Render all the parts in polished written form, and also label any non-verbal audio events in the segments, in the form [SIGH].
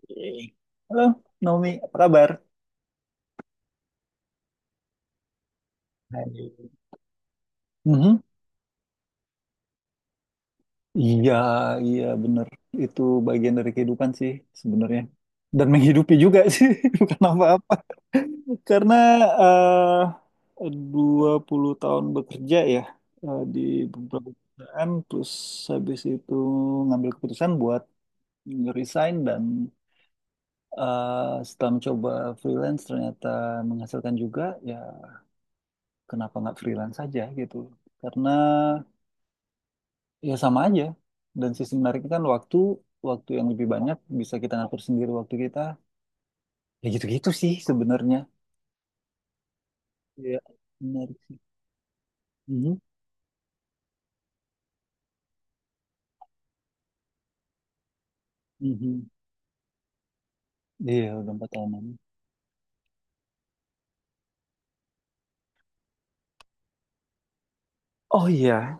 Oke. Halo, Naomi, apa kabar? Hai. Mhm. Iya, iya bener. Itu bagian dari kehidupan sih sebenarnya. Dan menghidupi juga [LAUGHS] sih, bukan apa-apa. Karena eh 20 tahun bekerja ya, di beberapa perusahaan, terus habis itu ngambil keputusan buat resign dan, setelah mencoba freelance ternyata menghasilkan juga, ya kenapa nggak freelance saja gitu. Karena ya sama aja. Dan sisi menariknya kan waktu waktu yang lebih banyak bisa kita ngatur sendiri waktu kita. Ya gitu-gitu sih sebenarnya. Iya, menarik sih. Mhm, mhm. Iya, udah 4 tahunan. Oh iya,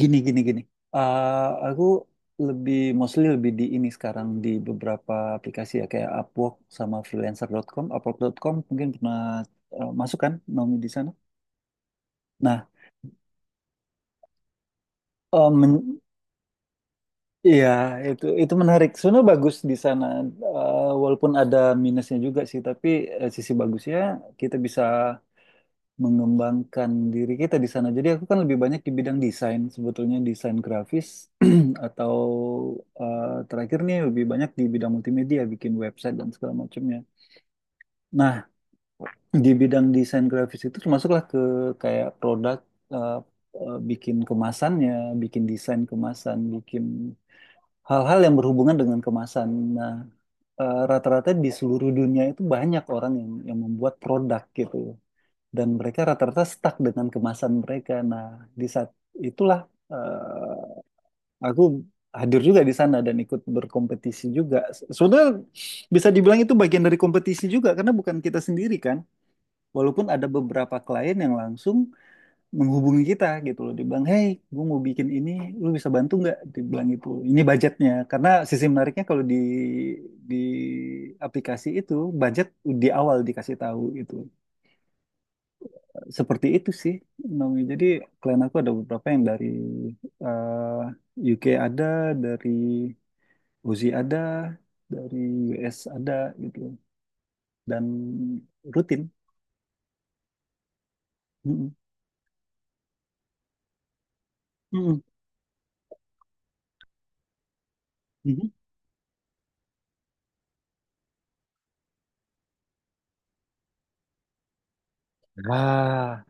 gini gini gini. Aku lebih mostly lebih di ini sekarang di beberapa aplikasi ya kayak Upwork sama freelancer dot com Upwork dot com mungkin pernah, masuk kan Naomi di sana. Nah, iya, itu menarik. Sebenarnya bagus di sana, walaupun ada minusnya juga sih. Tapi sisi bagusnya kita bisa mengembangkan diri kita di sana. Jadi aku kan lebih banyak di bidang desain, sebetulnya desain grafis [CLEARS THROAT] atau, eh, terakhir nih lebih banyak di bidang multimedia, bikin website dan segala macamnya. Nah, di bidang desain grafis itu termasuklah ke kayak produk, eh, bikin kemasannya, bikin desain kemasan, bikin hal-hal yang berhubungan dengan kemasan. Nah, rata-rata di seluruh dunia itu banyak orang yang membuat produk gitu loh. Dan mereka rata-rata stuck dengan kemasan mereka. Nah, di saat itulah, eh, aku hadir juga di sana dan ikut berkompetisi juga. Sebenarnya bisa dibilang itu bagian dari kompetisi juga karena bukan kita sendiri kan. Walaupun ada beberapa klien yang langsung menghubungi kita gitu loh, dibilang hey, gue mau bikin ini, lu bisa bantu nggak, dibilang itu ini budgetnya, karena sisi menariknya kalau di aplikasi itu budget di awal dikasih tahu gitu, seperti itu sih Naomi. Jadi klien aku ada beberapa yang dari, UK ada, dari Uzi ada, dari US ada gitu, dan rutin. Mm-mm. Mm-mm. Mhm. Ah,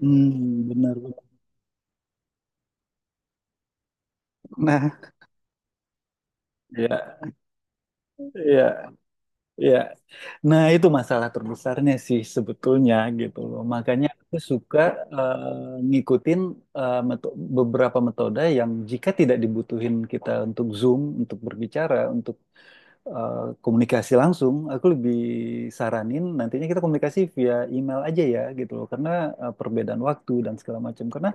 hmm, benar, benar. Nah, ya, ya. Ya, nah itu masalah terbesarnya sih sebetulnya gitu loh. Makanya aku suka, ngikutin beberapa metode yang jika tidak dibutuhin kita untuk Zoom, untuk berbicara, untuk, eh, komunikasi langsung, aku lebih saranin nantinya kita komunikasi via email aja ya gitu loh. Karena perbedaan waktu dan segala macam. Karena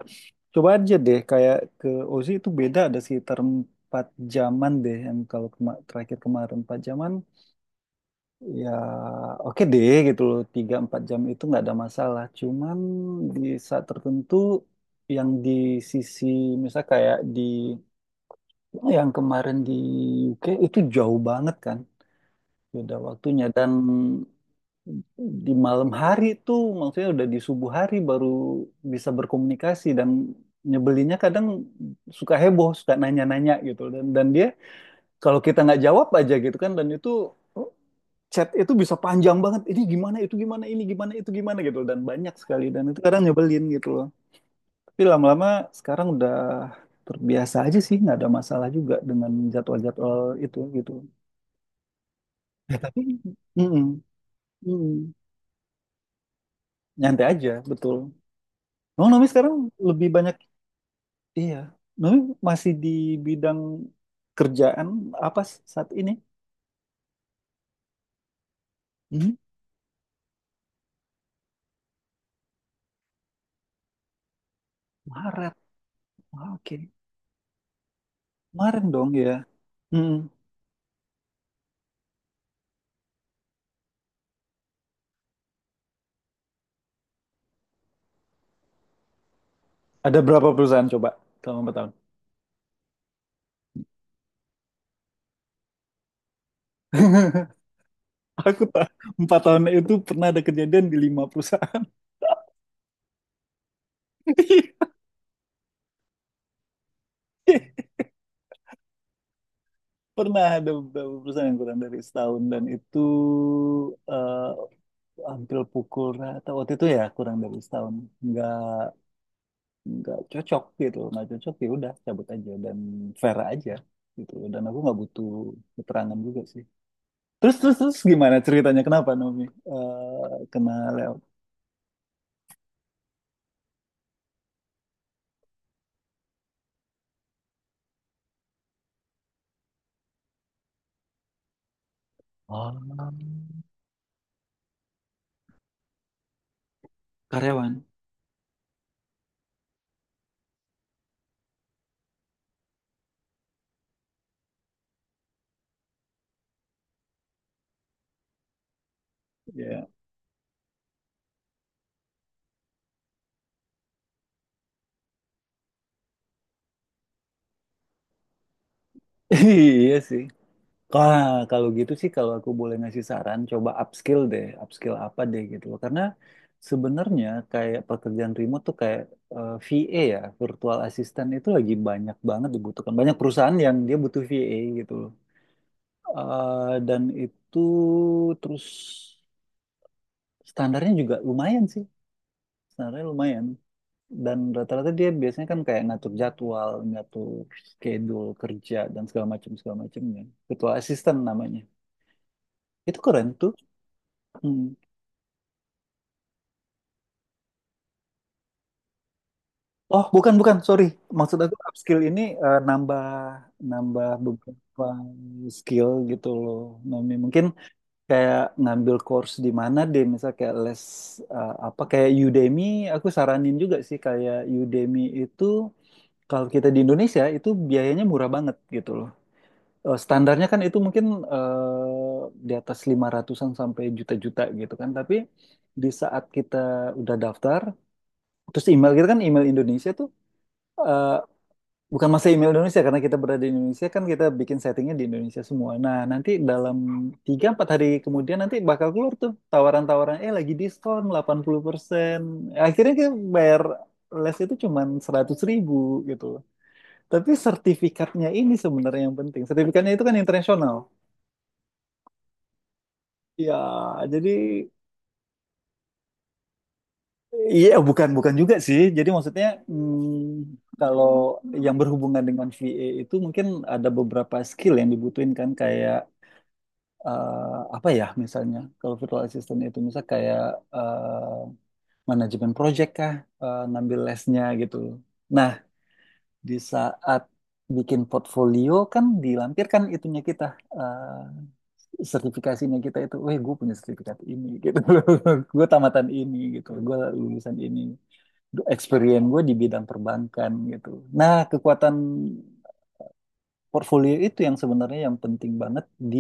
coba aja deh kayak ke Ozi itu beda ada sekitar 4 jaman deh yang kalau terakhir kemarin 4 jaman, ya oke deh gitu loh, 3 4 jam itu nggak ada masalah, cuman di saat tertentu yang di sisi misal kayak di yang kemarin di UK itu jauh banget kan beda waktunya, dan di malam hari itu maksudnya udah di subuh hari baru bisa berkomunikasi, dan nyebelinnya kadang suka heboh, suka nanya-nanya gitu, dan dia kalau kita nggak jawab aja gitu kan, dan itu chat itu bisa panjang banget, ini gimana, itu gimana, ini gimana, itu gimana gitu, dan banyak sekali, dan itu kadang nyebelin gitu loh. Tapi lama-lama sekarang udah terbiasa aja sih, nggak ada masalah juga dengan jadwal-jadwal itu gitu. Tapi mm-mm, mm, nyantai aja betul. Nomi Nomi sekarang lebih banyak, iya, Nomi masih di bidang kerjaan apa saat ini? Hmm? Maret. Ah, oke. Maret dong ya, mm, ada berapa perusahaan coba selama 4 tahun. [LAUGHS] Aku ta- 4 tahun itu pernah ada kejadian di 5 perusahaan. [LAUGHS] Pernah ada beberapa perusahaan yang kurang dari setahun, dan itu, eh, hampir pukul rata waktu itu ya kurang dari setahun. Nggak nggak cocok gitu, nggak cocok, ya udah cabut aja, dan fair aja gitu. Dan aku nggak butuh keterangan juga sih. Terus terus terus gimana ceritanya? Kenapa Naomi, kena layoff? Oh, karyawan. Ya, [LAUGHS] iya sih. Ah, kalau gitu sih kalau aku boleh ngasih saran, coba upskill deh, upskill apa deh gitu loh. Karena sebenarnya kayak pekerjaan remote tuh kayak, VA ya, virtual assistant itu lagi banyak banget dibutuhkan. Banyak perusahaan yang dia butuh VA gitu loh. Dan itu terus standarnya juga lumayan sih, standarnya lumayan. Dan rata-rata dia biasanya kan kayak ngatur jadwal, ngatur schedule kerja dan segala macam segala macamnya. Virtual assistant namanya. Itu keren tuh. Hmm. Oh, bukan, bukan. Sorry. Maksud aku upskill ini nambah, nambah beberapa skill gitu loh. Nomi mungkin kayak ngambil course di mana deh, misal kayak les, apa kayak Udemy, aku saranin juga sih kayak Udemy itu kalau kita di Indonesia itu biayanya murah banget gitu loh. Standarnya kan itu mungkin, eh, di atas 500-an sampai juta-juta gitu kan. Tapi di saat kita udah daftar, terus email kita kan email Indonesia tuh, eh, bukan masa email Indonesia, karena kita berada di Indonesia, kan kita bikin settingnya di Indonesia semua. Nah, nanti dalam 3 4 hari kemudian nanti bakal keluar tuh tawaran-tawaran, eh lagi diskon 80%. Akhirnya kita bayar les itu cuman 100 ribu gitu. Tapi sertifikatnya ini sebenarnya yang penting. Sertifikatnya itu kan internasional. Ya, jadi iya, bukan bukan juga sih. Jadi maksudnya hmm, kalau yang berhubungan dengan VA itu mungkin ada beberapa skill yang dibutuhin kan kayak, apa ya, misalnya kalau virtual assistant itu misal kayak, eh, manajemen project kah, ngambil lesnya gitu. Nah, di saat bikin portfolio kan dilampirkan itunya kita, sertifikasinya kita itu, weh gue punya sertifikat ini gitu, [LAUGHS] gue tamatan ini gitu, gue lulusan ini, experience gue di bidang perbankan gitu. Nah, kekuatan portfolio itu yang sebenarnya yang penting banget di,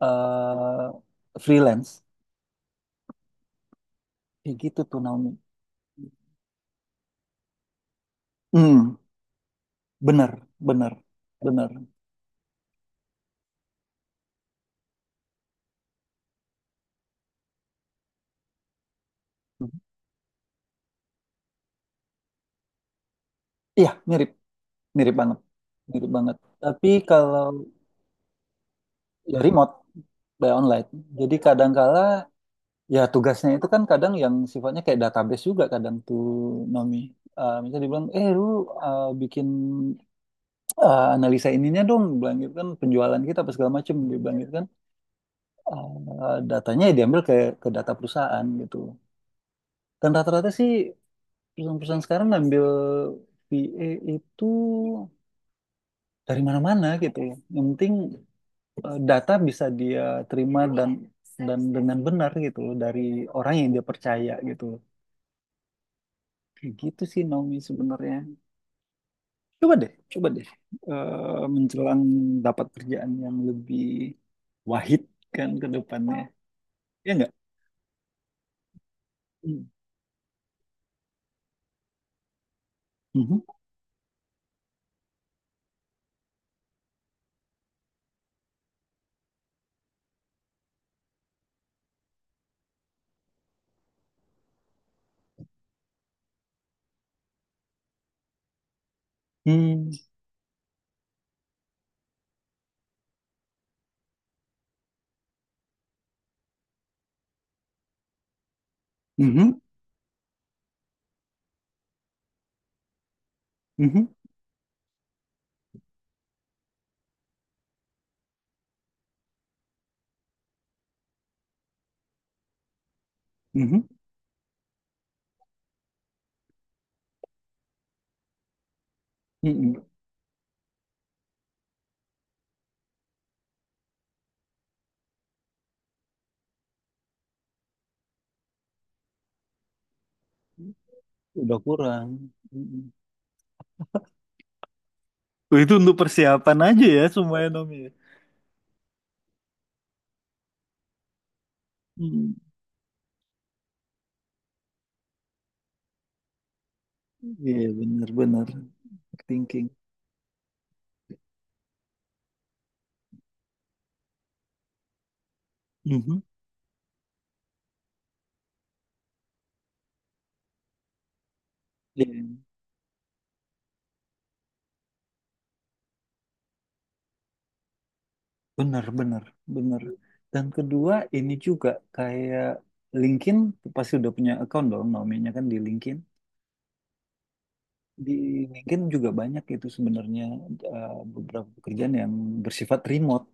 eh, freelance. Kayak gitu tuh Naomi. Hmm, bener, bener, bener. Iya, mirip, mirip banget, mirip banget. Tapi kalau ya remote by online, jadi kadangkala ya tugasnya itu kan kadang yang sifatnya kayak database juga kadang tuh Nomi. Misalnya dibilang, eh lu, bikin, analisa ininya dong, bilang gitu kan, penjualan kita apa segala macem, dia bilang gitu kan. Datanya ya diambil ke, data perusahaan gitu. Dan rata-rata sih perusahaan-perusahaan sekarang ngambil VA itu dari mana-mana gitu ya. Yang penting, data bisa dia terima dan dengan benar gitu loh, dari orang yang dia percaya gitu loh. Kayak gitu sih Naomi sebenarnya. Coba deh, menjelang dapat kerjaan yang lebih wahid kan ke depannya. Ya enggak? Hmm. Mhm. Hmm. Mhm. Mhm. Mhm. Mhm. Udah kurang. Mhm. Itu untuk persiapan aja ya semuanya Nomi. Hmm. Iya benar-benar thinking. Mhm. Iya benar-benar benar. Dan kedua ini juga kayak LinkedIn pasti udah punya account dong namanya kan di LinkedIn. Di LinkedIn juga banyak itu sebenarnya, eh, beberapa pekerjaan yang bersifat remote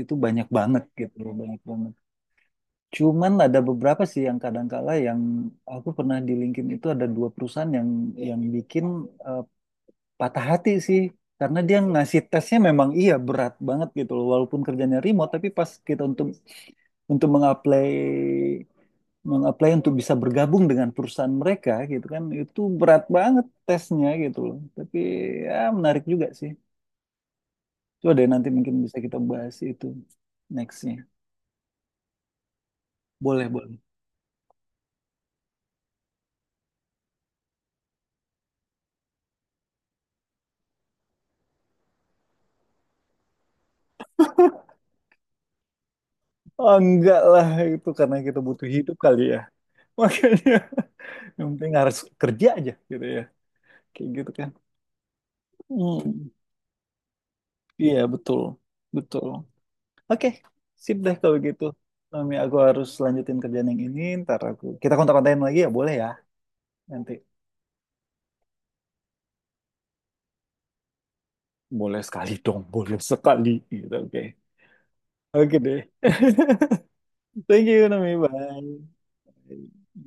itu banyak banget gitu, banyak banget. Cuman ada beberapa sih yang kadang-kala yang aku pernah di LinkedIn itu ada 2 perusahaan yang bikin, eh, patah hati sih, karena dia ngasih tesnya memang iya berat banget gitu loh, walaupun kerjanya remote, tapi pas kita untuk mengapply mengapply untuk bisa bergabung dengan perusahaan mereka gitu kan, itu berat banget tesnya gitu loh. Tapi ya menarik juga sih, coba deh nanti mungkin bisa kita bahas itu nextnya, boleh boleh. Oh, enggak lah, itu karena kita butuh hidup kali ya, [LAUGHS] makanya yang penting harus kerja aja gitu ya, kayak gitu kan. Hmm. Iya, betul. Betul. Oke, sip deh kalau gitu. Mami, aku harus lanjutin kerjaan yang ini, ntar aku... Kita kontak-kontakin lagi ya, boleh ya? Nanti. Boleh sekali dong, [LAUGHS] boleh sekali. Gitu, oke. Oke deh. [LAUGHS] Thank you, Nami. Bye.